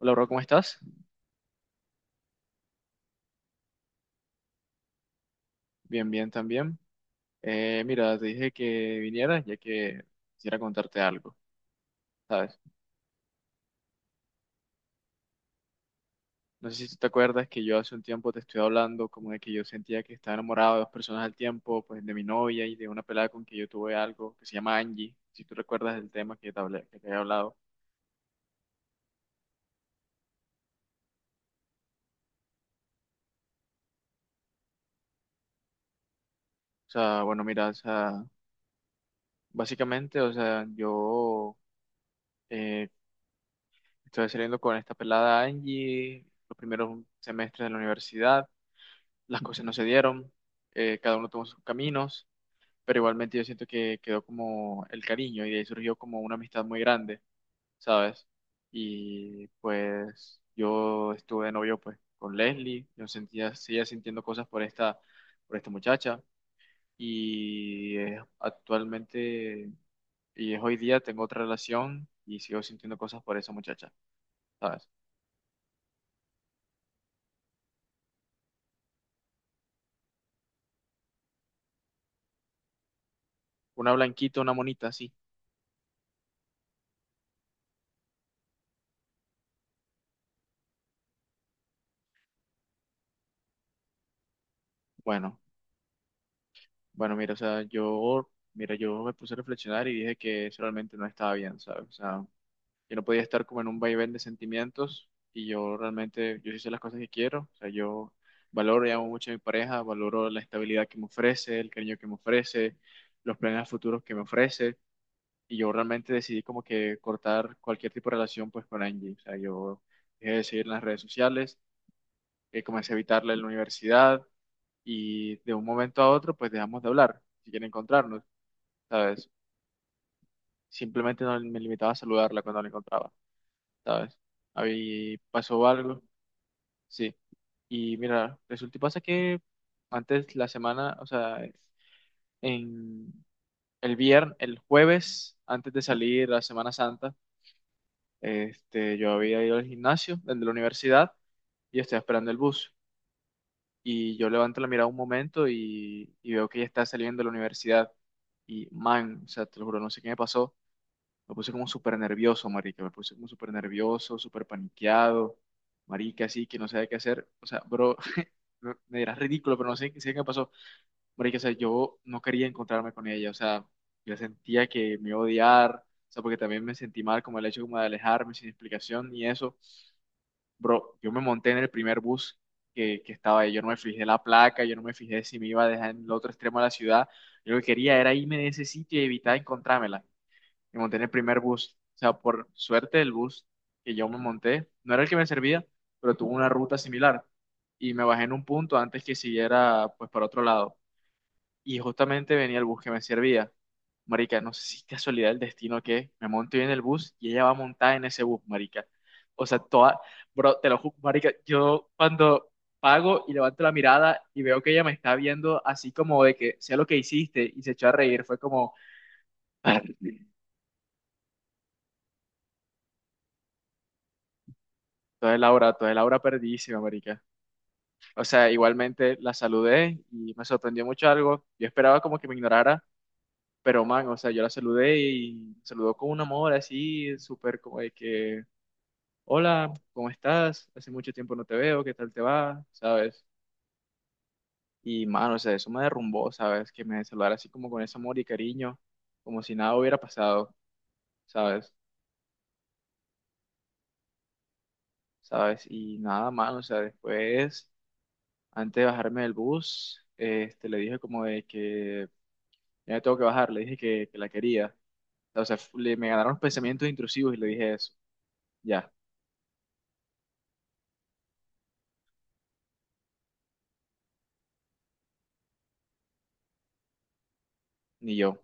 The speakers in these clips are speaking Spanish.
Hola, bro, ¿cómo estás? Bien, bien también. Mira, te dije que vinieras ya que quisiera contarte algo, ¿sabes? No sé si tú te acuerdas que yo hace un tiempo te estoy hablando como de que yo sentía que estaba enamorado de dos personas al tiempo, pues de mi novia y de una pelada con que yo tuve algo que se llama Angie, si tú recuerdas el tema que te hablé, que te he hablado. O sea, bueno, mira, o sea, básicamente, o sea, yo eh, estoy saliendo con esta pelada Angie los primeros semestres de la universidad. Las cosas no se dieron, cada uno tomó sus caminos, pero igualmente yo siento que quedó como el cariño y de ahí surgió como una amistad muy grande, ¿sabes? Y pues yo estuve de novio pues con Leslie. Seguía sintiendo cosas por esta, muchacha y actualmente, y es hoy día, tengo otra relación y sigo sintiendo cosas por esa muchacha, ¿sabes? Una blanquita, una monita, sí. Bueno. Bueno, mira, o sea, yo, mira, yo me puse a reflexionar y dije que eso realmente no estaba bien, ¿sabes? O sea, yo no podía estar como en un vaivén de sentimientos y yo realmente, yo hice las cosas que quiero. O sea, yo valoro y amo mucho a mi pareja, valoro la estabilidad que me ofrece, el cariño que me ofrece, los planes futuros que me ofrece y yo realmente decidí como que cortar cualquier tipo de relación pues con Angie. O sea, yo dejé de seguir en las redes sociales, comencé a evitarla en la universidad y de un momento a otro pues dejamos de hablar, si quieren encontrarnos. ¿Sabes? Simplemente no me limitaba a saludarla cuando la encontraba, ¿sabes? Ahí pasó algo, sí. Y mira, resulta y pasa que antes la semana, o sea, en el viernes, el jueves, antes de salir la Semana Santa, yo había ido al gimnasio desde la universidad y estaba esperando el bus. Y yo levanto la mirada un momento y veo que ella está saliendo de la universidad. Y man, o sea, te lo juro, no sé qué me pasó. Me puse como súper nervioso, marica. Me puse como súper nervioso, súper paniqueado. Marica, así que no sabía qué hacer. O sea, bro, me dirás ridículo, pero no sé, sé qué pasó. Marica, o sea, yo no quería encontrarme con ella. O sea, yo sentía que me iba a odiar. O sea, porque también me sentí mal como el hecho como de alejarme sin explicación ni eso. Bro, yo me monté en el primer bus que estaba ahí. Yo no me fijé la placa, yo no me fijé si me iba a dejar en el otro extremo de la ciudad. Yo lo que quería era irme de ese sitio y evitar encontrármela. Me monté en el primer bus. O sea, por suerte el bus que yo me monté no era el que me servía, pero tuvo una ruta similar. Y me bajé en un punto antes que siguiera pues para otro lado. Y justamente venía el bus que me servía. Marica, no sé si es casualidad el destino que me monté en el bus y ella va montada en ese bus, marica. O sea, toda, bro, te lo juro, marica, yo cuando pago y levanto la mirada y veo que ella me está viendo así como de que sea lo que hiciste y se echó a reír, fue como… entonces Laura perdísima, marica. O sea, igualmente la saludé y me sorprendió mucho algo. Yo esperaba como que me ignorara, pero man, o sea, yo la saludé y me saludó con un amor así, súper como de que, hola, ¿cómo estás? Hace mucho tiempo no te veo, ¿qué tal te va? ¿Sabes? Y man, o sea, eso me derrumbó, ¿sabes? Que me saludara así como con ese amor y cariño, como si nada hubiera pasado, ¿sabes? ¿Sabes? Y nada, man, o sea, después, antes de bajarme del bus, le dije como de que ya me tengo que bajar, le dije que la quería. O sea, me ganaron pensamientos intrusivos y le dije eso. Ya, ni yo.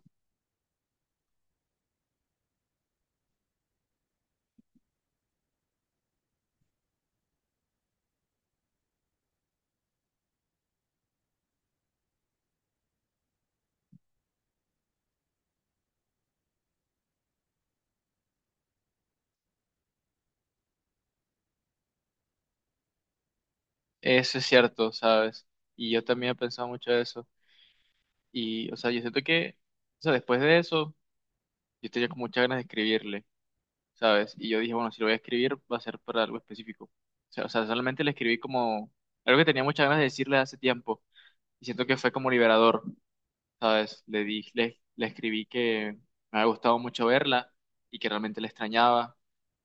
Eso es cierto, ¿sabes? Y yo también he pensado mucho de eso. Y, o sea, yo siento que, o sea, después de eso, yo tenía como muchas ganas de escribirle, ¿sabes? Y yo dije, bueno, si lo voy a escribir, va a ser para algo específico. O sea, solamente le escribí como algo que tenía muchas ganas de decirle hace tiempo. Y siento que fue como liberador. ¿Sabes? Le escribí que me había gustado mucho verla y que realmente la extrañaba,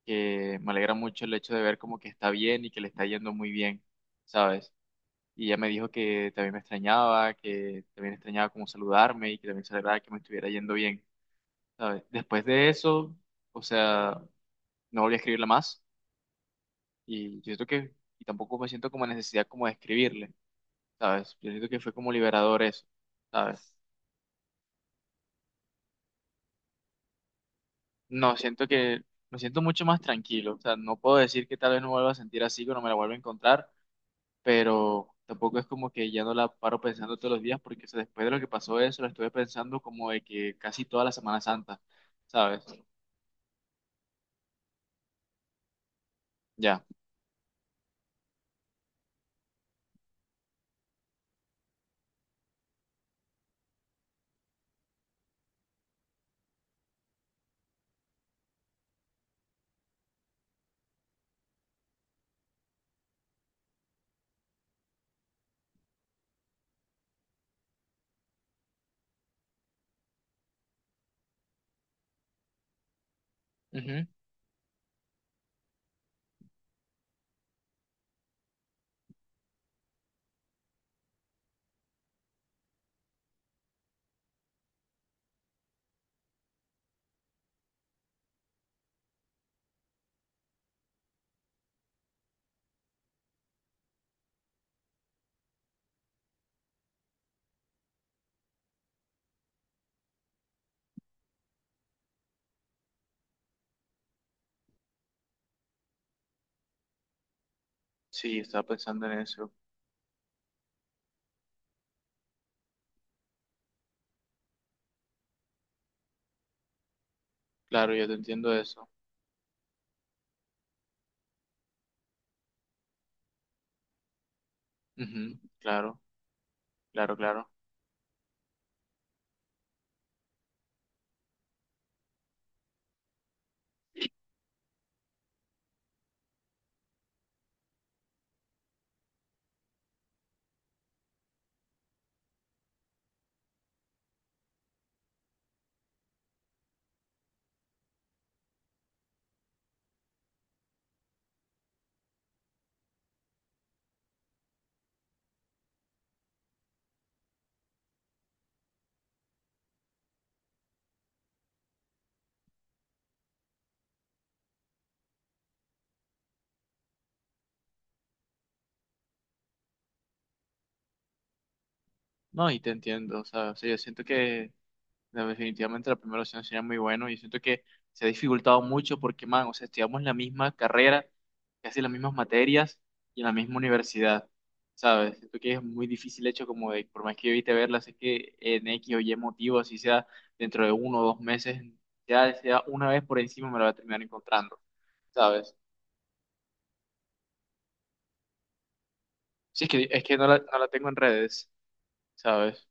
que me alegra mucho el hecho de ver como que está bien y que le está yendo muy bien, ¿sabes? Y ella me dijo que también me extrañaba, que también extrañaba como saludarme y que también se alegraba que me estuviera yendo bien, ¿sabes? Después de eso, o sea, no volví a escribirla más y yo siento que, y tampoco me siento como necesidad como de escribirle, ¿sabes? Yo siento que fue como liberador eso, ¿sabes? No, siento que me siento mucho más tranquilo. O sea, no puedo decir que tal vez no me vuelva a sentir así, que no me la vuelva a encontrar, pero tampoco es como que ya no la paro pensando todos los días, porque o sea, después de lo que pasó eso, la estuve pensando como de que casi toda la Semana Santa, ¿sabes? Ya. Ujú. Sí, estaba pensando en eso. Claro, yo te entiendo eso. Ujú. Claro, claro, claro. No, y te entiendo. O sea, yo siento que no, definitivamente la primera opción sería muy bueno y siento que se ha dificultado mucho porque, man, o sea, estudiamos la misma carrera, casi las mismas materias y en la misma universidad, ¿sabes? Siento que es muy difícil hecho como de, por más que yo evite verlas, es que en X o Y motivo, así sea dentro de uno o dos meses, ya sea una vez por encima me la voy a terminar encontrando, ¿sabes? Sí, es que no la, no la tengo en redes, ¿sabes?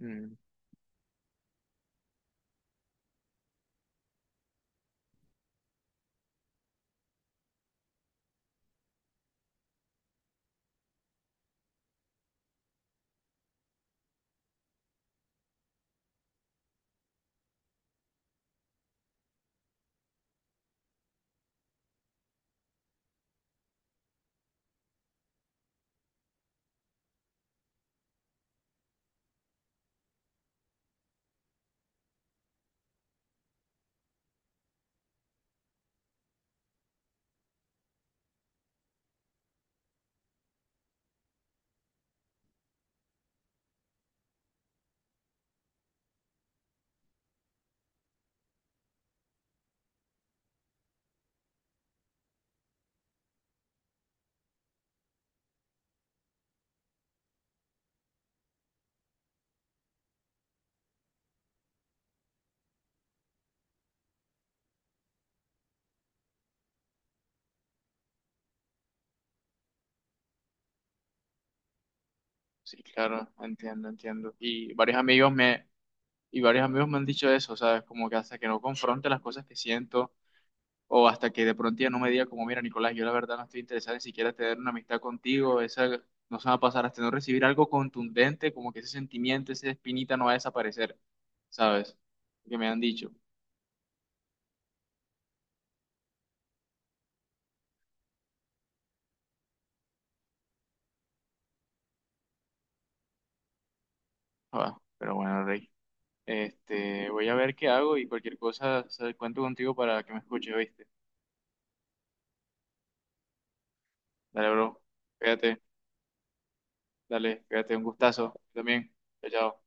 Mm, sí, claro, entiendo, entiendo. Y varios amigos me han dicho eso, ¿sabes? Como que hasta que no confronte las cosas que siento o hasta que de pronto ya no me diga como, mira, Nicolás, yo la verdad no estoy interesado ni siquiera en tener una amistad contigo, esa no se va a pasar hasta no recibir algo contundente, como que ese sentimiento, esa espinita no va a desaparecer, ¿sabes? Que me han dicho. Ah, pero bueno, Rey, voy a ver qué hago y cualquier cosa, ¿sabes? Cuento contigo para que me escuches, ¿viste? Dale, bro, fíjate, dale, fíjate, un gustazo, también, chao. Chao.